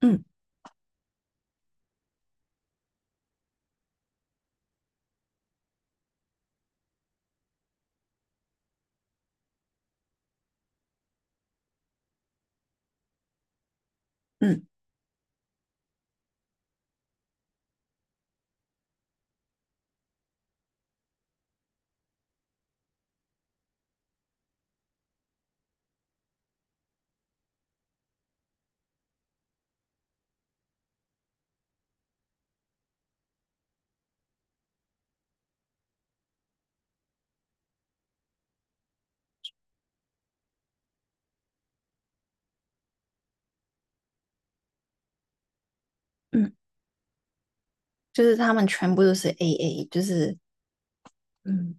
嗯嗯嗯，就是他们全部都是 AA，就是嗯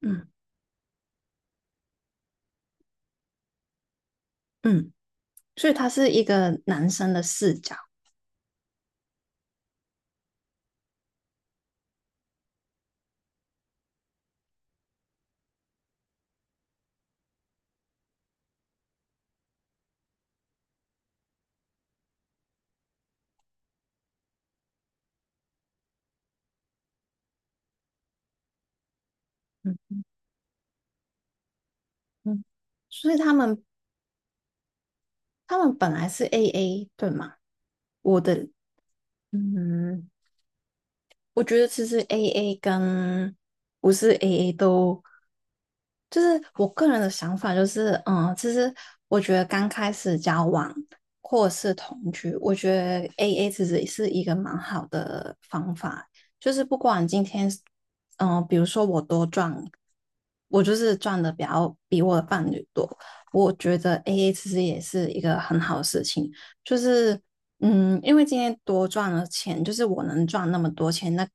嗯嗯，所以他是一个男生的视角。嗯嗯，所以他们本来是 AA 对吗？我的嗯，我觉得其实 AA 跟不是 AA 都，就是我个人的想法就是，其实我觉得刚开始交往或者是同居，我觉得 AA 其实是一个蛮好的方法，就是不管今天，比如说我多赚，我就是赚的比较比我的伴侣多，我觉得 AA 其实也是一个很好的事情。就是因为今天多赚了钱，就是我能赚那么多钱，那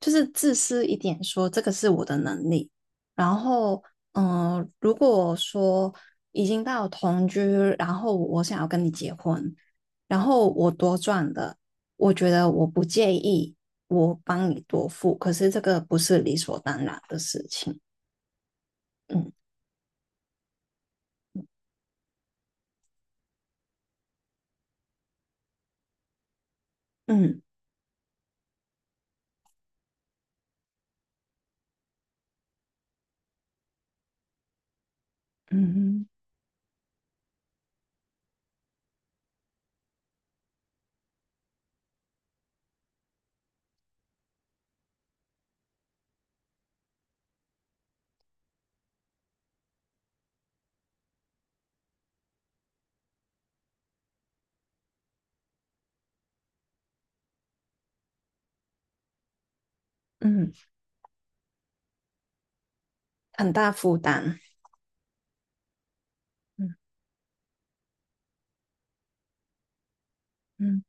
就是自私一点说，这个是我的能力。然后，如果说已经到同居，然后我想要跟你结婚，然后我多赚的，我觉得我不介意，我帮你多付，可是这个不是理所当然的事情。嗯嗯嗯嗯，很大负担。嗯嗯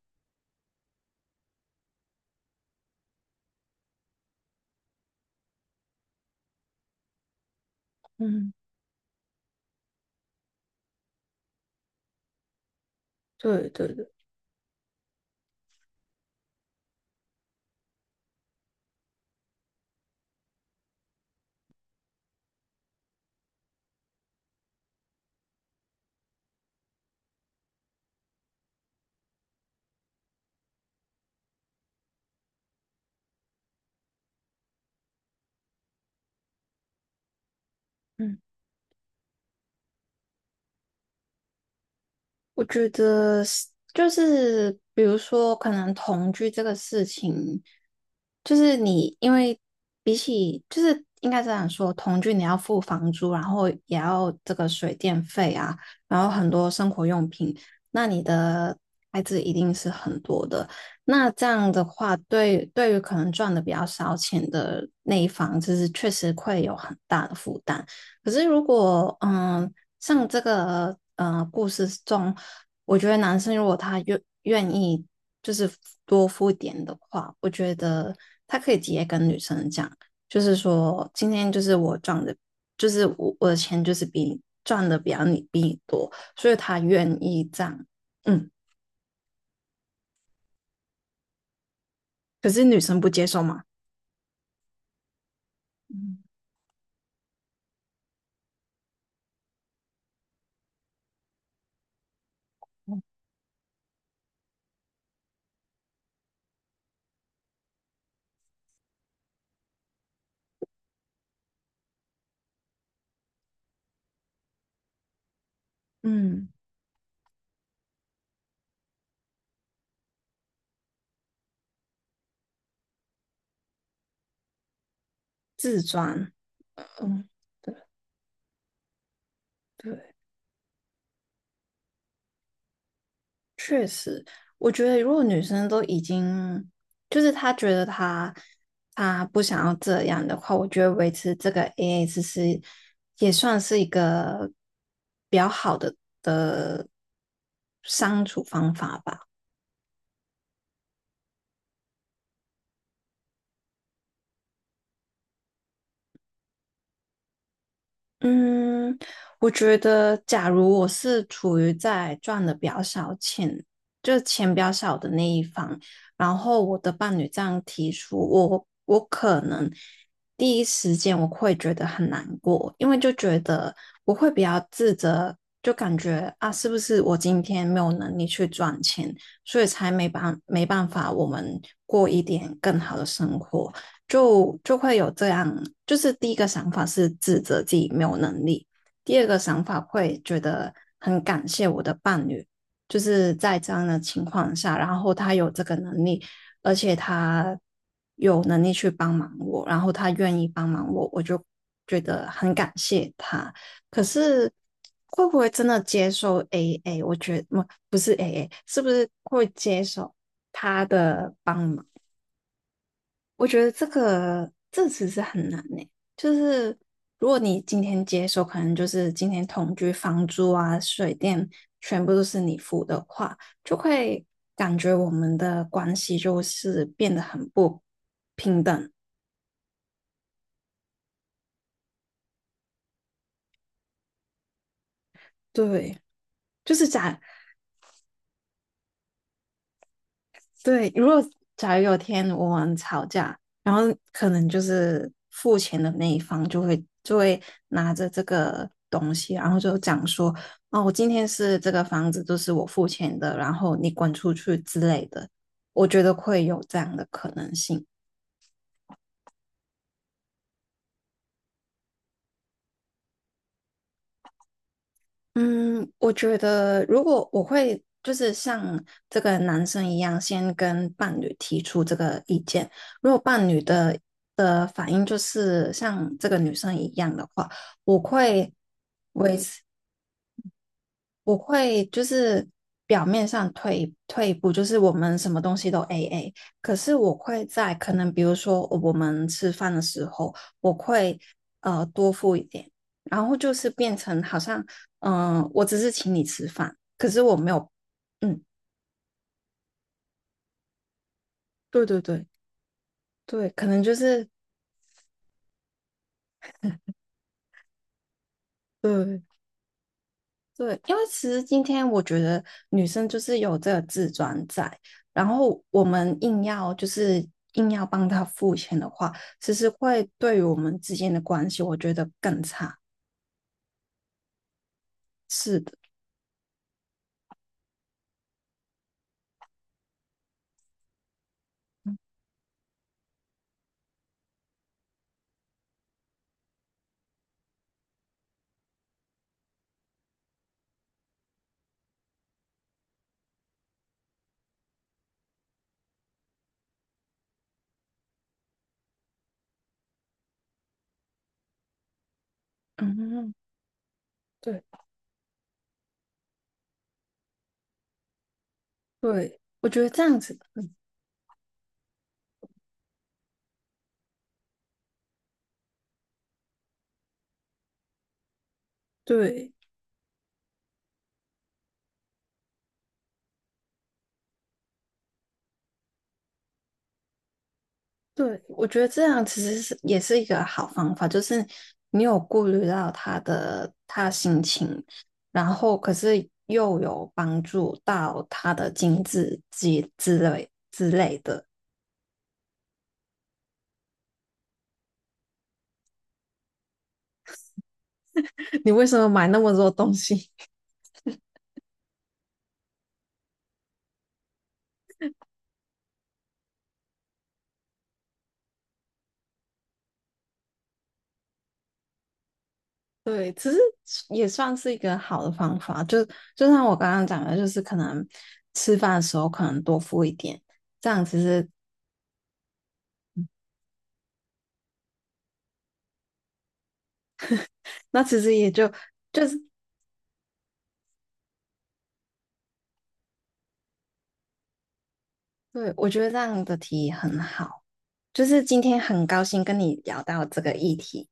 嗯，对对对。嗯。我觉得是就是比如说，可能同居这个事情，就是你因为比起就是应该这样说，同居你要付房租，然后也要这个水电费啊，然后很多生活用品，那你的开支一定是很多的。那这样的话，对于可能赚的比较少钱的那一方，就是确实会有很大的负担。可是如果像这个故事中，我觉得男生如果他愿意就是多付点的话，我觉得他可以直接跟女生讲，就是说今天就是我赚的，就是我的钱就是比你赚的比你多，所以他愿意这样。嗯，可是女生不接受嘛？嗯，自赚。嗯，对对。确实，我觉得如果女生都已经，就是她觉得她不想要这样的话，我觉得维持这个 AA 制是也算是一个比较好的相处方法吧。嗯，我觉得，假如我是处于在赚的比较少钱，就是钱比较少的那一方，然后我的伴侣这样提出，我可能第一时间我会觉得很难过，因为就觉得我会比较自责，就感觉啊，是不是我今天没有能力去赚钱，所以才没办没办法我们过一点更好的生活。就会有这样，就是第一个想法是指责自己没有能力，第二个想法会觉得很感谢我的伴侣，就是在这样的情况下，然后他有这个能力，而且他有能力去帮忙我，然后他愿意帮忙我，我就觉得很感谢他。可是会不会真的接受 AA？我觉得不是 AA，是不是会接受他的帮忙？我觉得这个这其实很难呢、就是如果你今天接手，可能就是今天同居、房租啊、水电全部都是你付的话，就会感觉我们的关系就是变得很不平等。对，就是对，假如有天我们吵架，然后可能就是付钱的那一方就会拿着这个东西，然后就讲说，哦，我今天是这个房子都是我付钱的，然后你滚出去之类的，我觉得会有这样的可能性。嗯，我觉得如果我会就是像这个男生一样，先跟伴侣提出这个意见。如果伴侣的反应就是像这个女生一样的话，我会。我会就是表面上退一步，就是我们什么东西都 AA，可是我会在可能比如说我们吃饭的时候，我会多付一点，然后就是变成好像我只是请你吃饭，可是我没有，嗯，对对对对，可能就是对对，因为其实今天我觉得女生就是有这个自尊在，然后我们硬要帮她付钱的话，其实会对于我们之间的关系，我觉得更差。是的，嗯，对对，我觉得这样子，对。对，我觉得这样其实是也是一个好方法，就是你有顾虑到他的心情，然后可是又有帮助到他的经济之类的。你为什么买那么多东西？对，其实也算是一个好的方法。就像我刚刚讲的，就是可能吃饭的时候可能多付一点，这样其实那其实也就就是对，我觉得这样的提议很好。就是今天很高兴跟你聊到这个议题。